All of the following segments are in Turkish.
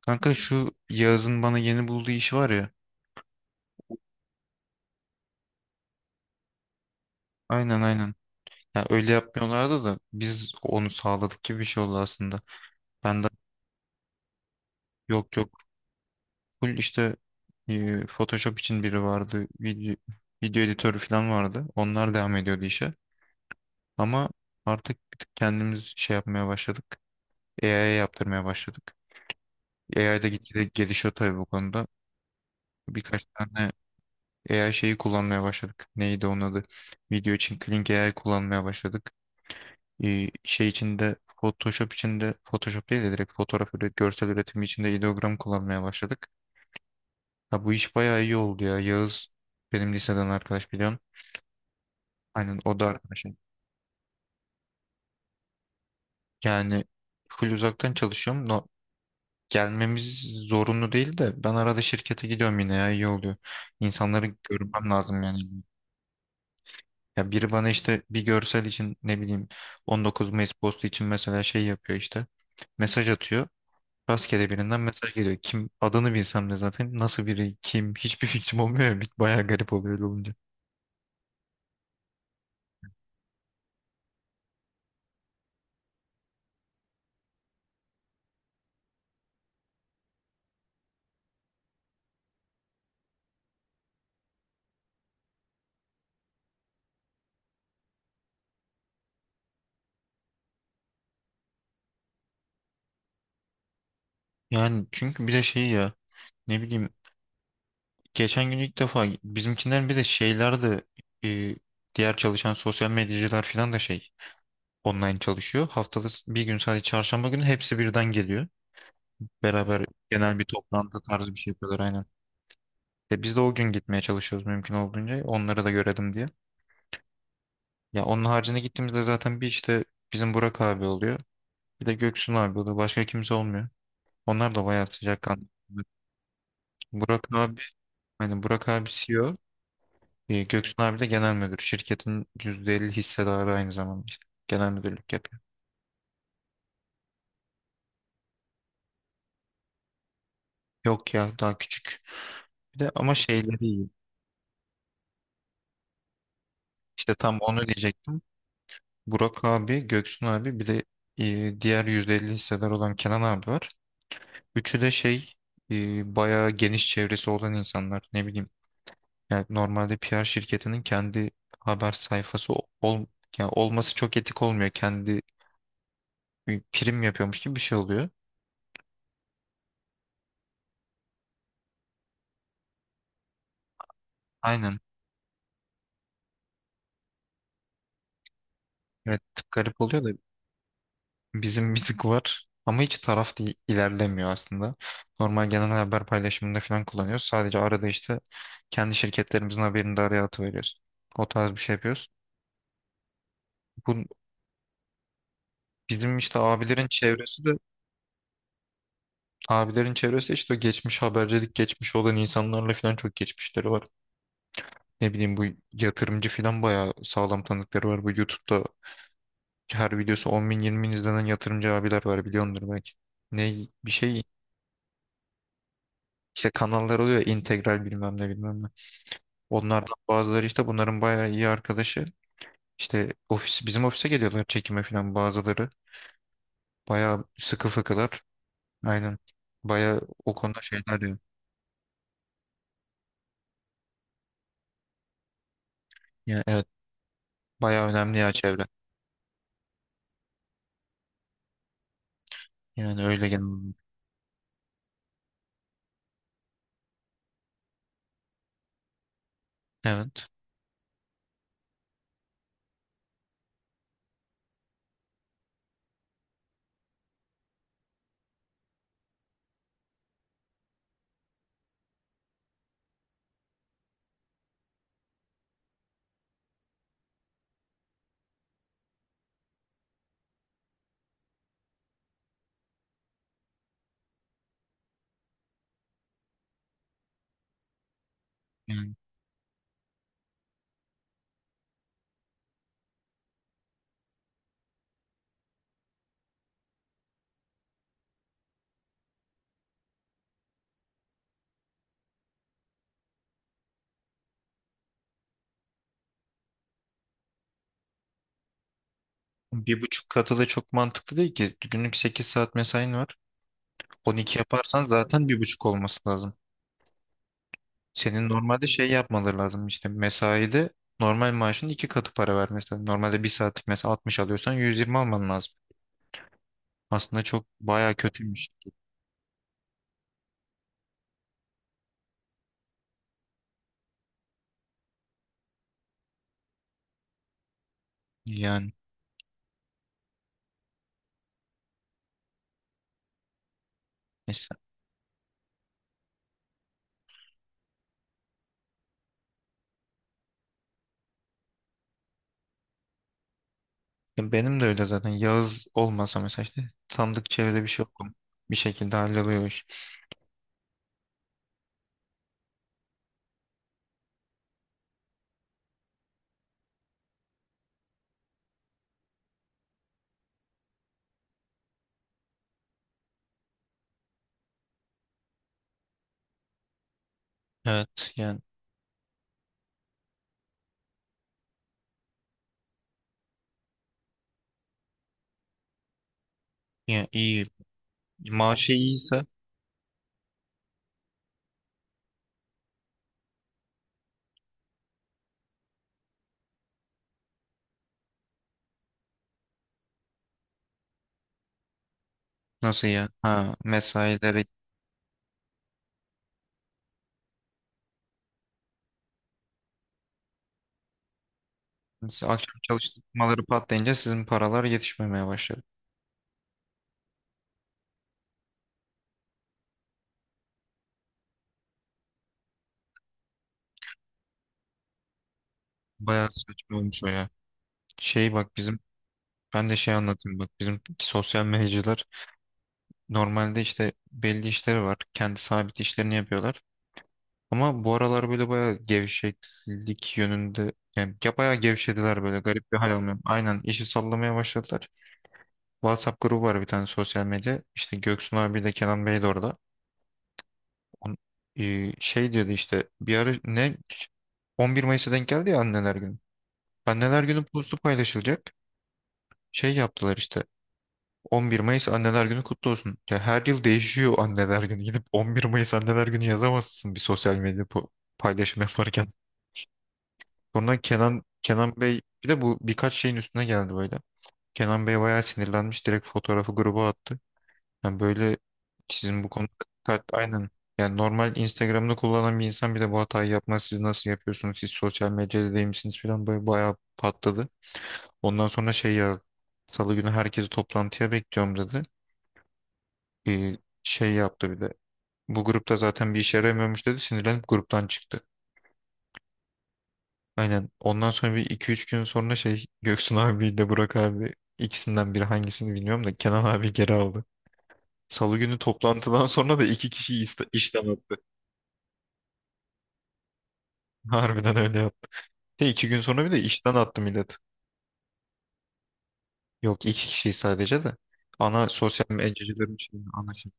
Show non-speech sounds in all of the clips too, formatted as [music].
Kanka şu Yağız'ın bana yeni bulduğu iş var ya. Aynen aynen. Ya öyle yapmıyorlardı da biz onu sağladık gibi bir şey oldu aslında. Ben de yok yok full işte Photoshop için biri vardı. Video editörü falan vardı. Onlar devam ediyordu işe. Ama artık bir tık kendimiz şey yapmaya başladık. AI'ye yaptırmaya başladık. AI da gitgide gelişiyor tabii bu konuda. Birkaç tane AI şeyi kullanmaya başladık. Neydi onun adı? Video için Kling AI kullanmaya başladık. Şey içinde Photoshop içinde Photoshop değil de direkt fotoğraf üret, görsel üretimi içinde ideogram kullanmaya başladık. Ha, bu iş bayağı iyi oldu ya. Yağız benim liseden arkadaş biliyorsun. Aynen o da arkadaşım. Yani full uzaktan çalışıyorum. No, gelmemiz zorunlu değil de ben arada şirkete gidiyorum yine ya iyi oluyor. İnsanları görmem lazım yani. Ya biri bana işte bir görsel için ne bileyim 19 Mayıs postu için mesela şey yapıyor işte. Mesaj atıyor. Rastgele birinden mesaj geliyor. Kim adını bilsem de zaten nasıl biri kim hiçbir fikrim olmuyor ya. Bayağı garip oluyor öyle olunca. Yani çünkü bir de şey ya ne bileyim geçen gün ilk defa bizimkinden bir de şeyler de e, diğer çalışan sosyal medyacılar falan da şey online çalışıyor. Haftada bir gün sadece çarşamba günü hepsi birden geliyor. Beraber genel bir toplantı tarzı bir şey yapıyorlar aynen. Biz de o gün gitmeye çalışıyoruz mümkün olduğunca onları da görelim diye. Ya onun haricinde gittiğimizde zaten bir işte bizim Burak abi oluyor. Bir de Göksun abi oluyor. Başka kimse olmuyor. Onlar da bayağı sıcakkanlı. Burak abi, hani Burak abi CEO, O, Göksun abi de genel müdür. Şirketin %50 hissedarı aynı zamanda işte. Genel müdürlük yapıyor. Yok ya daha küçük. Bir de ama şeyleri iyi. İşte tam onu diyecektim. Burak abi, Göksun abi bir de diğer %50 hissedar olan Kenan abi var. Üçü de şey bayağı geniş çevresi olan insanlar. Ne bileyim yani normalde PR şirketinin kendi haber sayfası yani olması çok etik olmuyor. Kendi bir prim yapıyormuş gibi bir şey oluyor. Aynen. Evet garip oluyor da bizim bir tık var ama hiç taraf değil, ilerlemiyor aslında. Normal genel haber paylaşımında falan kullanıyoruz. Sadece arada işte kendi şirketlerimizin haberini de araya atıveriyoruz. O tarz bir şey yapıyoruz. Bu bizim işte abilerin çevresi işte geçmiş habercilik geçmiş olan insanlarla falan çok geçmişleri var. Ne bileyim bu yatırımcı filan bayağı sağlam tanıkları var. Bu YouTube'da her videosu 10 bin 20 bin izlenen yatırımcı abiler var biliyordur belki. Ne bir şey işte kanallar oluyor ya, integral bilmem ne bilmem ne. Onlardan bazıları işte bunların bayağı iyi arkadaşı. İşte bizim ofise geliyorlar çekime filan bazıları. Bayağı sıkı fıkılar. Aynen. Bayağı o konuda şeyler diyor. Yani evet bayağı önemli ya çevre. Yani öyle genel olarak. Evet. Yani bir buçuk katı da çok mantıklı değil ki. Günlük 8 saat mesain var. 12 yaparsan zaten bir buçuk olması lazım. Senin normalde şey yapmaları lazım işte mesaide normal maaşın iki katı para vermesi lazım. Normalde bir saatlik mesela 60 alıyorsan 120 alman lazım. Aslında çok baya kötüymüş. Yani neyse. Ya benim de öyle zaten. Yağız olmasa mesela işte sandık çevre bir şey okum. Bir şekilde halloluyor iş. Evet yani iyi. Maaşı iyiyse nasıl ya? Ha mesaileri akşam çalıştırmaları patlayınca sizin paralar yetişmemeye başladı. Bayağı saçma olmuş o ya. Şey bak bizim Ben de şey anlatayım bak bizim sosyal medyacılar normalde işte belli işleri var. Kendi sabit işlerini yapıyorlar. Ama bu aralar böyle bayağı gevşeklik yönünde yani ya bayağı gevşediler böyle garip bir hal almıyor. Aynen işi sallamaya başladılar. WhatsApp grubu var bir tane sosyal medya. İşte Göksun abi de Kenan Bey de orada. On, Şey diyordu işte bir ara ne 11 Mayıs'a denk geldi ya anneler günü. Anneler günü postu paylaşılacak. Şey yaptılar işte. 11 Mayıs Anneler Günü kutlu olsun. Ya her yıl değişiyor Anneler Günü. Gidip 11 Mayıs Anneler Günü yazamazsın bir sosyal medya paylaşım yaparken. Sonra Kenan Bey bir de bu birkaç şeyin üstüne geldi böyle. Kenan Bey bayağı sinirlenmiş direkt fotoğrafı gruba attı. Yani böyle sizin bu konuda dikkat aynen. Yani normal Instagram'da kullanan bir insan bir de bu hatayı yapmaz. Siz nasıl yapıyorsunuz? Siz sosyal medyada değil misiniz falan böyle bayağı patladı. Ondan sonra şey ya Salı günü herkesi toplantıya bekliyorum dedi. e, Şey yaptı bir de. Bu grupta zaten bir işe yaramıyormuş dedi. Sinirlenip gruptan çıktı. Aynen. Ondan sonra bir iki üç gün sonra şey [laughs] Göksun abi de Burak abi ikisinden biri hangisini bilmiyorum da Kenan abi geri aldı. Salı günü toplantıdan sonra da iki kişi işten attı. [laughs] Harbiden öyle yaptı. De iki gün sonra bir de işten attı millet. Yok iki kişi sadece de. Ana sosyal medyacıların için ana şey.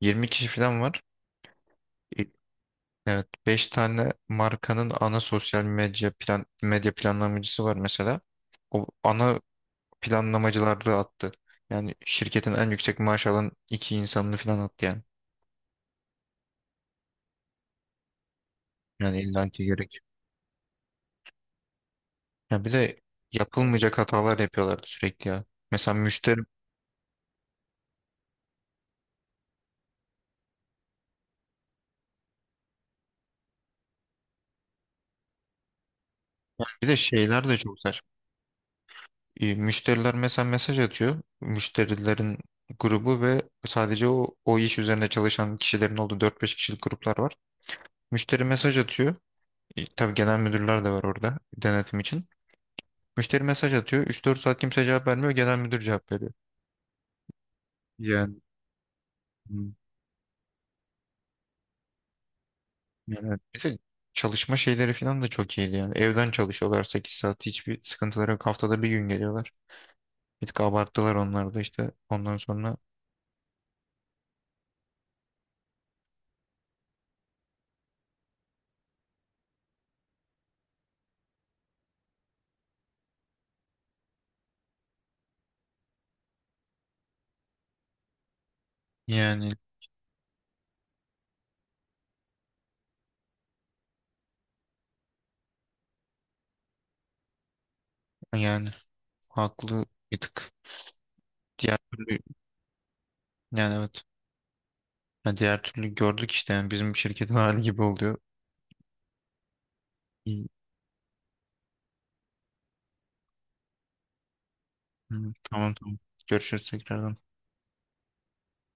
20 kişi falan var. E, Evet, 5 tane markanın ana sosyal medya medya planlamacısı var mesela. O ana planlamacıları attı. Yani şirketin en yüksek maaş alan iki insanını falan attı yani. Yani illaki gerek. Ya bir de yapılmayacak hatalar yapıyorlardı sürekli ya. Mesela müşteri bir de şeyler de çok saçma. Müşteriler mesela mesaj atıyor. Müşterilerin grubu ve sadece o iş üzerine çalışan kişilerin olduğu dört beş kişilik gruplar var. Müşteri mesaj atıyor. Tabii genel müdürler de var orada denetim için. Müşteri mesaj atıyor. Üç dört saat kimse cevap vermiyor. Genel müdür cevap veriyor. Yani, hmm, yani bir de çalışma şeyleri falan da çok iyiydi yani. Evden çalışıyorlar 8 saat. Hiçbir sıkıntıları yok. Haftada bir gün geliyorlar. Bir tık abarttılar onlar da işte. Ondan sonra yani yani haklı bir tık. Diğer türlü yani evet. Yani diğer türlü gördük işte yani bizim şirketin [laughs] hali gibi oluyor. İyi. Hmm, tamam tamam. Görüşürüz tekrardan.